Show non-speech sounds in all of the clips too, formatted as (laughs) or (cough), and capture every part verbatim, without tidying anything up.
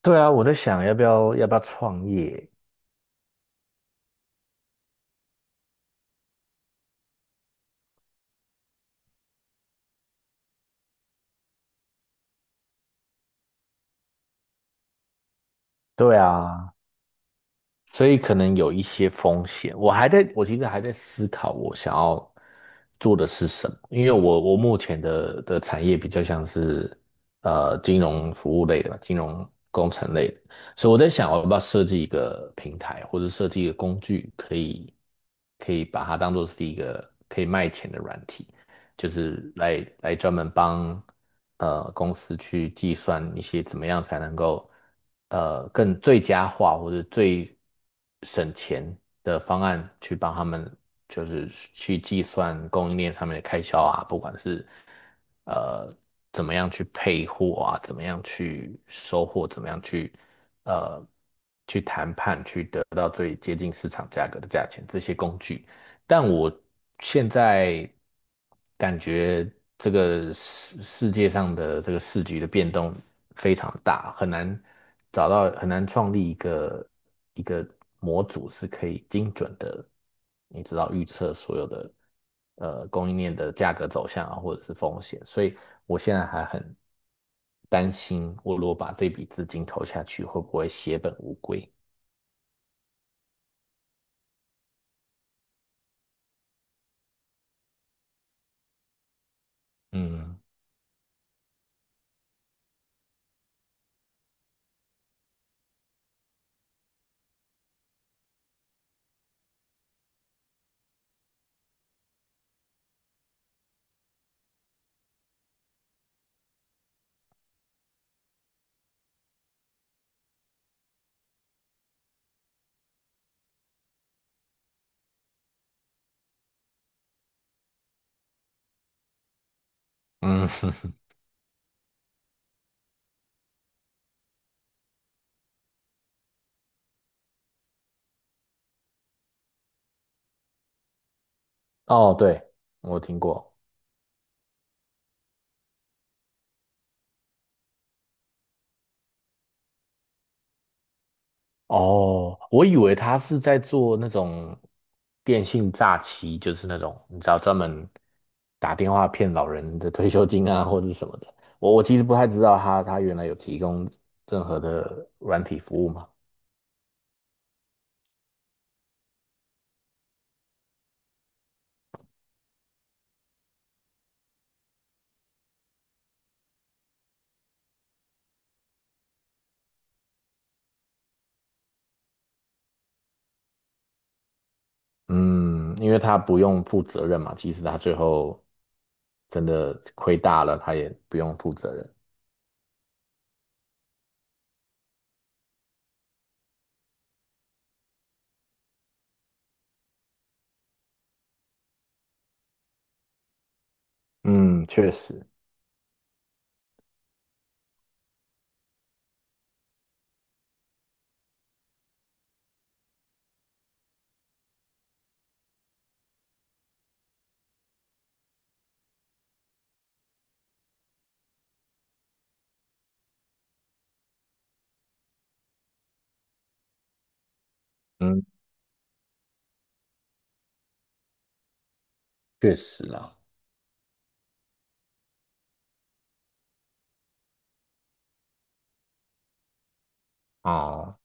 对啊，我在想要不要要不要创业？对啊，所以可能有一些风险。我还在，我其实还在思考我想要做的是什么，因为我我目前的的产业比较像是呃金融服务类的吧，金融工程类的，所以我在想我要不要设计一个平台或者设计一个工具，可以可以把它当做是一个可以卖钱的软体。就是来来专门帮呃公司去计算一些怎么样才能够呃更最佳化或者最省钱的方案，去帮他们就是去计算供应链上面的开销啊，不管是呃怎么样去配货啊，怎么样去收货，怎么样去呃去谈判，去得到最接近市场价格的价钱，这些工具。但我现在感觉这个世世界上的这个市局的变动非常大，很难找到，很难创立一个一个模组是可以精准的，你知道预测所有的呃供应链的价格走向啊，或者是风险，所以我现在还很担心，我如果把这笔资金投下去，会不会血本无归？嗯嗯，(laughs) 哦，对，我听过。哦，我以为他是在做那种电信诈欺，就是那种你知道专门打电话骗老人的退休金啊，或者是什么的。我我其实不太知道他他原来有提供任何的软体服务吗？嗯，因为他不用负责任嘛，即使他最后真的亏大了，他也不用负责任。嗯，确实。嗯，确实啦。哦，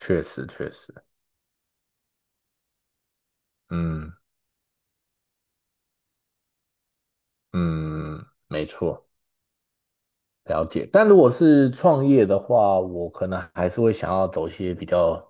确实确实。嗯嗯，没错。了解，但如果是创业的话，我可能还是会想要走一些比较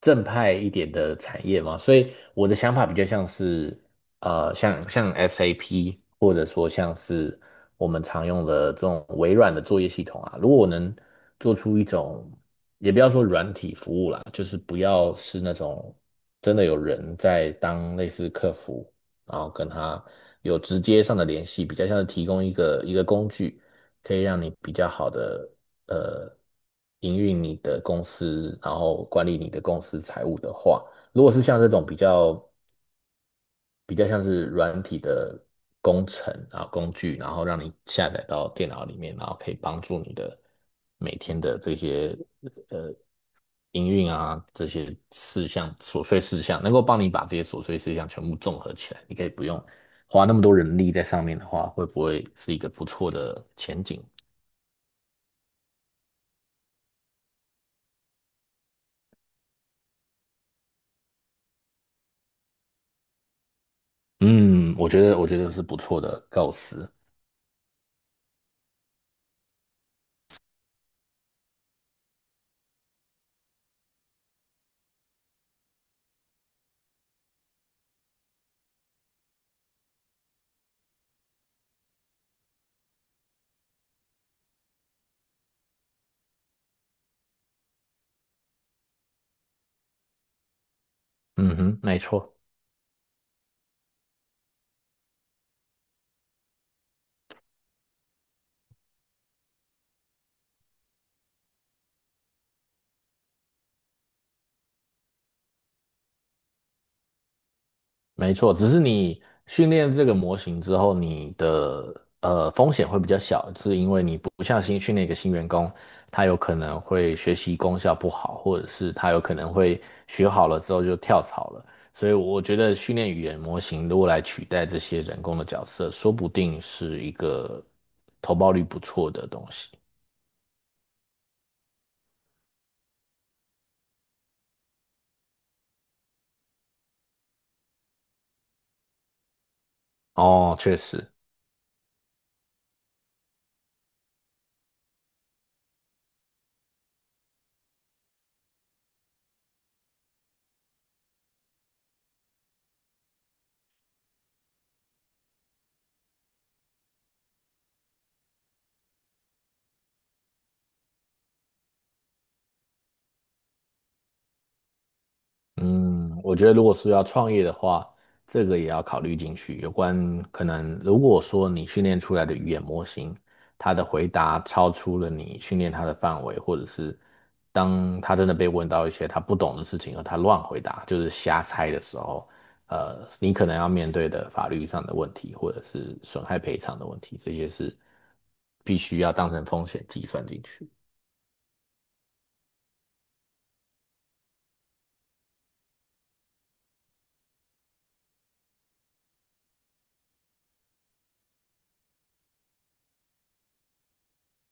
正派一点的产业嘛，所以我的想法比较像是，呃，像像 S A P，或者说像是我们常用的这种微软的作业系统啊，如果我能做出一种，也不要说软体服务啦，就是不要是那种真的有人在当类似客服，然后跟他有直接上的联系，比较像是提供一个一个工具。可以让你比较好的呃营运你的公司，然后管理你的公司财务的话，如果是像这种比较比较像是软体的工程啊工具，然后让你下载到电脑里面，然后可以帮助你的每天的这些呃营运啊这些事项琐碎事项，能够帮你把这些琐碎事项全部综合起来，你可以不用花那么多人力在上面的话，会不会是一个不错的前景？嗯，我觉得我觉得是不错的构思。嗯哼，没错。没错。只是你训练这个模型之后，你的呃风险会比较小，是因为你不像新训练一个新员工，他有可能会学习功效不好，或者是他有可能会学好了之后就跳槽了。所以我觉得训练语言模型如果来取代这些人工的角色，说不定是一个投报率不错的东西。哦，确实。嗯，我觉得如果是要创业的话，这个也要考虑进去。有关可能，如果说你训练出来的语言模型，它的回答超出了你训练它的范围，或者是当他真的被问到一些他不懂的事情，而他乱回答，就是瞎猜的时候，呃，你可能要面对的法律上的问题，或者是损害赔偿的问题，这些是必须要当成风险计算进去。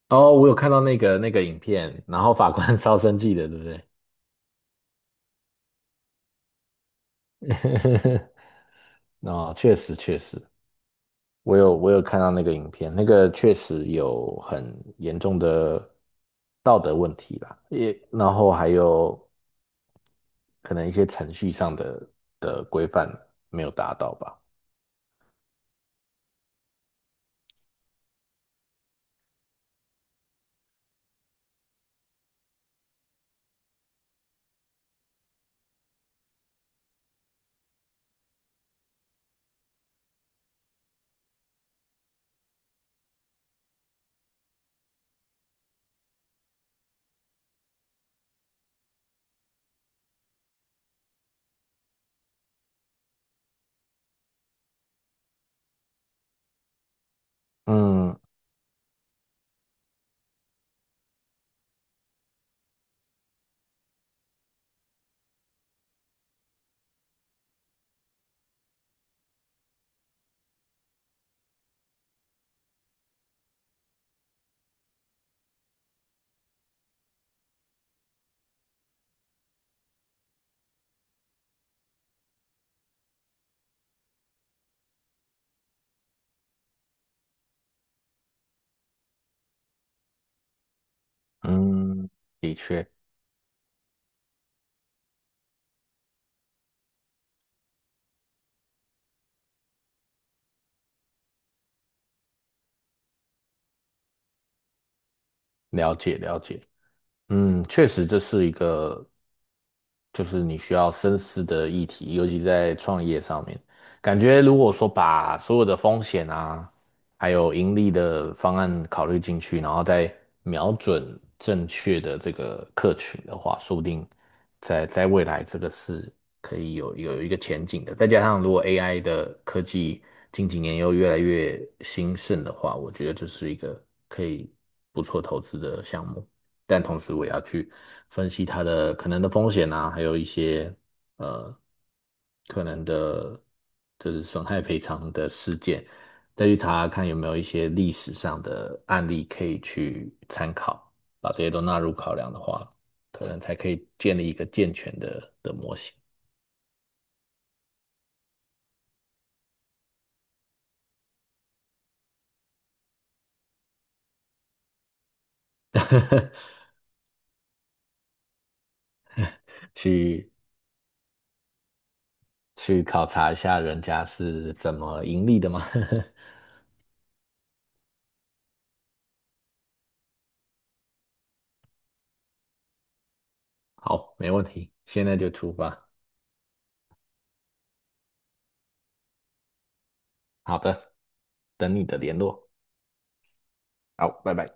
哦，我有看到那个那个影片，然后法官 (laughs) 超生气的，对不对？(laughs) 哦，确实确实。我有我有看到那个影片，那个确实有很严重的道德问题啦，也然后还有可能一些程序上的的规范没有达到吧。嗯嗯，的确。了解了解。嗯，确实这是一个就是你需要深思的议题，尤其在创业上面，感觉如果说把所有的风险啊，还有盈利的方案考虑进去，然后再瞄准正确的这个客群的话，说不定在在未来这个是可以有有一个前景的。再加上如果 A I 的科技近几年又越来越兴盛的话，我觉得这是一个可以不错投资的项目。但同时我也要去分析它的可能的风险啊，还有一些呃可能的，就是损害赔偿的事件，再去查看有没有一些历史上的案例可以去参考，把这些都纳入考量的话，可能才可以建立一个健全的的模型。(laughs) 去去考察一下人家是怎么盈利的吗？(laughs) 好，没问题，现在就出发。好的，等你的联络。好，拜拜。